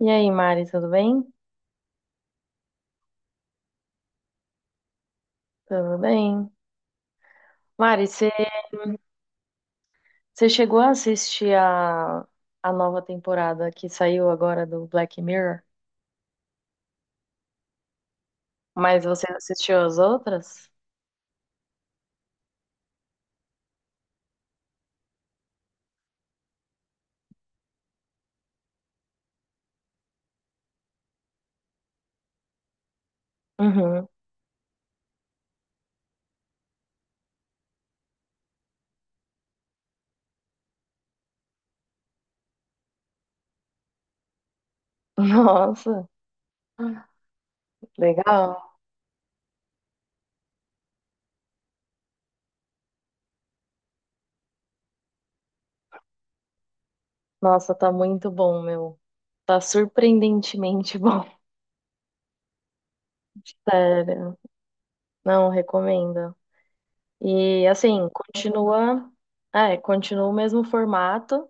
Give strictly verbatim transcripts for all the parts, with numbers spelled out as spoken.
E aí, Mari, tudo bem? Tudo bem. Mari, você você chegou a assistir a, a nova temporada que saiu agora do Black Mirror? Mas você assistiu as outras? Uhum. Nossa, legal. Nossa, tá muito bom, meu. Tá surpreendentemente bom. Sério. Não, recomendo. E assim, continua. É, continua o mesmo formato.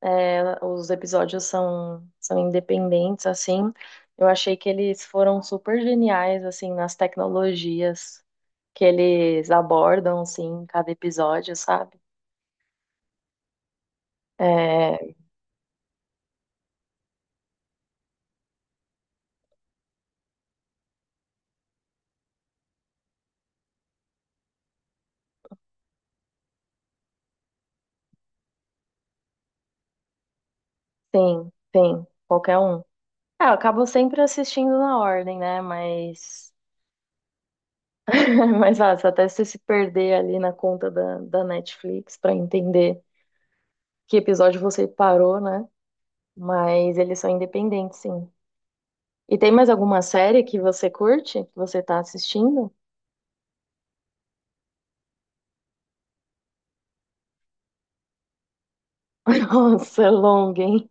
É, os episódios são, são independentes, assim. Eu achei que eles foram super geniais, assim, nas tecnologias que eles abordam, assim, em cada episódio, sabe? É, sim tem, qualquer um. Ah, eu acabo sempre assistindo na ordem, né? Mas, mas ah, se até você se perder ali na conta da, da Netflix pra entender que episódio você parou, né? Mas eles são independentes, sim. E tem mais alguma série que você curte, que você tá assistindo? Nossa, longa, hein?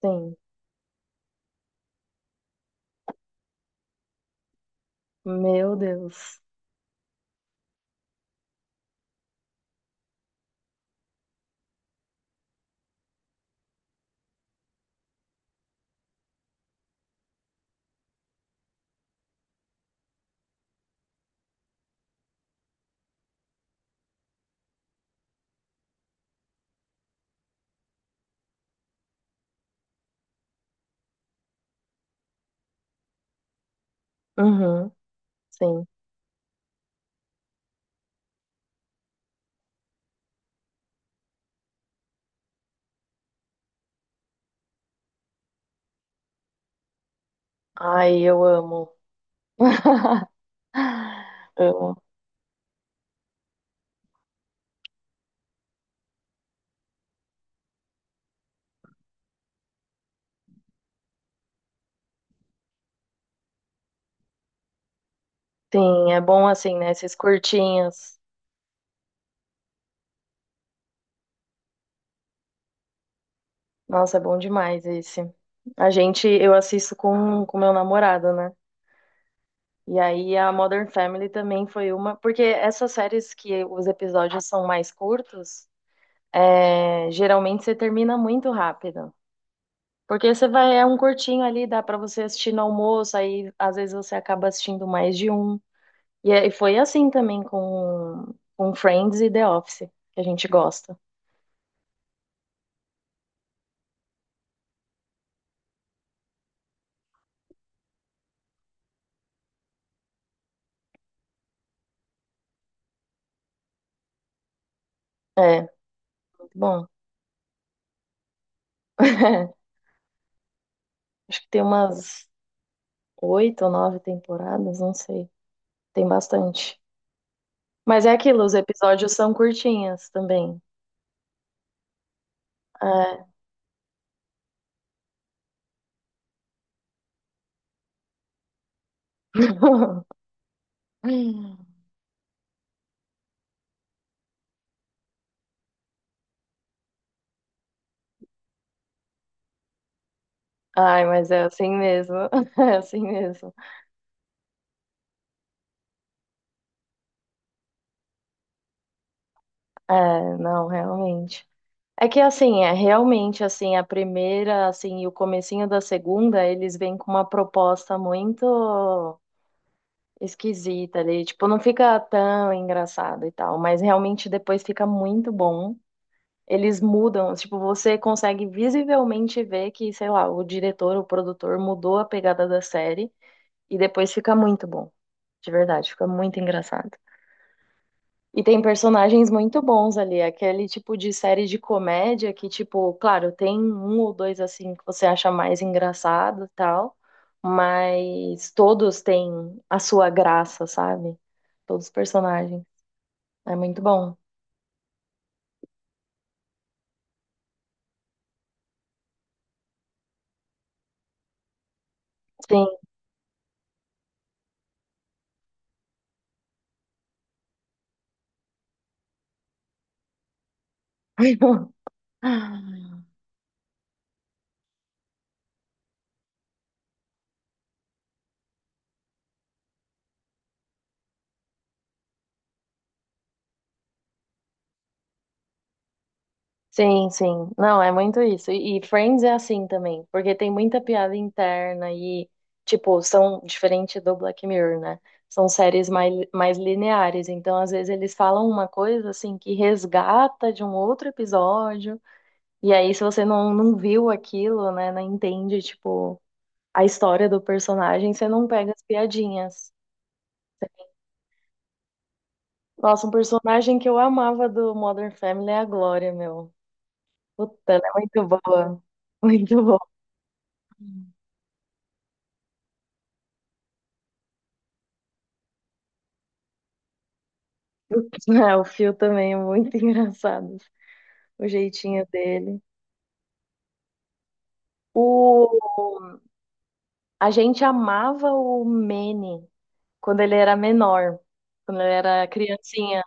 Sim, meu Deus. Uhum, sim. Ai, eu amo. Amo. Sim, é bom assim, né? Esses curtinhos. Nossa, é bom demais esse. A gente, eu assisto com com meu namorado, né? E aí a Modern Family também foi uma, porque essas séries que os episódios são mais curtos, é, geralmente você termina muito rápido. Porque você vai, é um curtinho ali, dá pra você assistir no almoço, aí às vezes você acaba assistindo mais de um. E, é- e foi assim também com, com Friends e The Office, que a gente gosta. É, muito bom. Acho que tem umas oito ou nove temporadas, não sei. Tem bastante. Mas é aquilo, os episódios são curtinhos também. É. Ai, mas é assim mesmo. É assim mesmo. É, não, realmente. É que assim, é realmente assim, a primeira, assim, e o comecinho da segunda, eles vêm com uma proposta muito esquisita ali, tipo, não fica tão engraçado e tal, mas realmente depois fica muito bom. Eles mudam, tipo, você consegue visivelmente ver que, sei lá, o diretor, o produtor mudou a pegada da série e depois fica muito bom. De verdade, fica muito engraçado. E tem personagens muito bons ali, aquele tipo de série de comédia que, tipo, claro, tem um ou dois assim que você acha mais engraçado e tal, mas todos têm a sua graça, sabe? Todos os personagens. É muito bom. Sim. Sim, sim. Não, é muito isso. E e Friends é assim também, porque tem muita piada interna e, tipo, são diferente do Black Mirror, né? São séries mais, mais lineares. Então, às vezes, eles falam uma coisa, assim, que resgata de um outro episódio. E aí, se você não, não viu aquilo, né, não entende, tipo, a história do personagem, você não pega as piadinhas. Nossa, um personagem que eu amava do Modern Family é a Glória, meu. Puta, ela é muito boa. Muito boa. Ah, o Phil também é muito engraçado, o jeitinho dele. O... A gente amava o Manny quando ele era menor, quando ele era criancinha.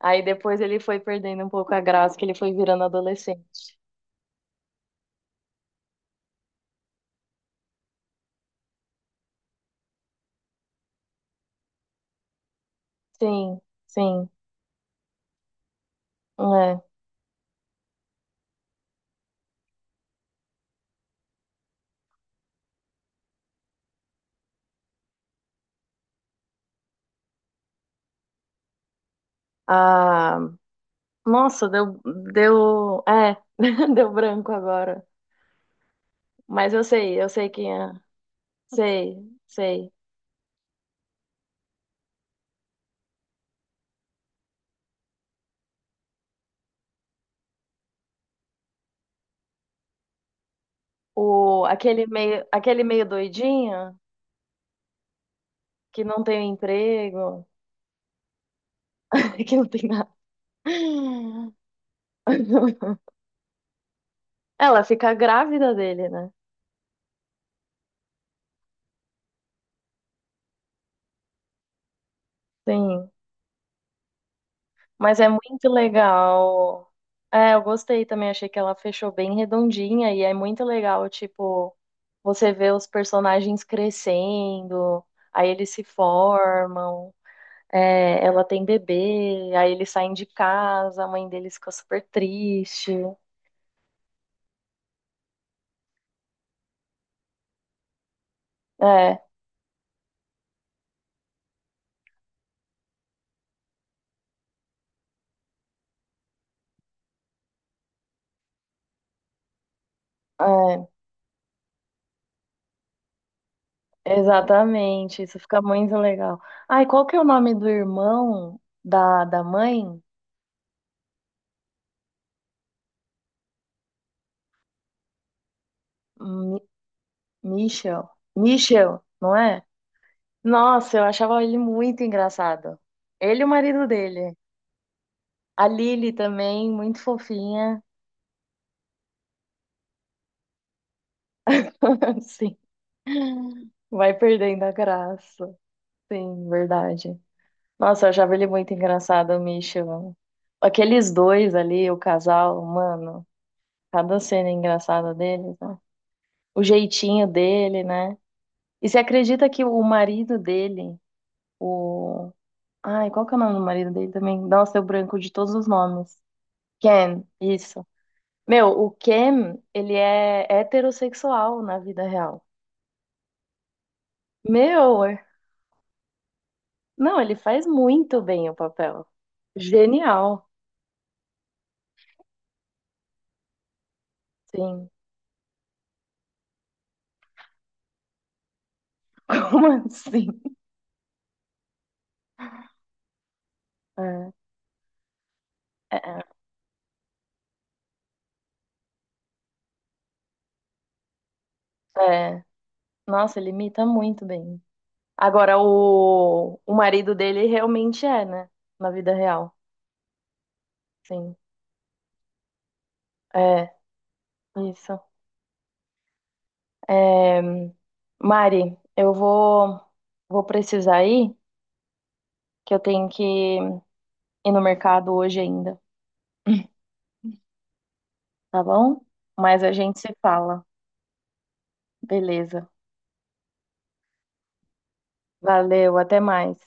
Aí depois ele foi perdendo um pouco a graça, que ele foi virando adolescente. Sim, sim, é. Ah, nossa, deu, deu, é, deu branco agora. Mas eu sei, eu sei quem é. Sei, sei. O, aquele meio, aquele meio doidinho. Que não tem emprego, que não tem nada. Ela fica grávida dele, né? Sim. Mas é muito legal. É, eu gostei também, achei que ela fechou bem redondinha e é muito legal, tipo, você vê os personagens crescendo, aí eles se formam, é, ela tem bebê, aí eles saem de casa, a mãe deles fica super triste. É, é. Exatamente, isso fica muito legal. Ai, qual que é o nome do irmão da, da mãe? Mi- Michel. Michel, não é? Nossa, eu achava ele muito engraçado. Ele e o marido dele. A Lily também, muito fofinha. Sim, vai perdendo a graça. Sim, verdade. Nossa, eu achava ele muito engraçado, o Michel. Aqueles dois ali, o casal, mano, cada cena engraçada deles, né? O jeitinho dele, né? E você acredita que o marido dele, o. Ai, qual que é o nome do marido dele também? Nossa, eu branco de todos os nomes. Ken, isso. Meu, o Ken, ele é heterossexual na vida real. Meu, é- não, ele faz muito bem o papel. Genial, sim. Como assim? É, é, é. Nossa, ele imita muito bem. Agora, o, o marido dele realmente é, né? Na vida real, sim. É, isso. É, Mari, eu vou, vou, precisar ir, que eu tenho que ir no mercado hoje ainda, tá bom? Mas a gente se fala. Beleza. Valeu, até mais.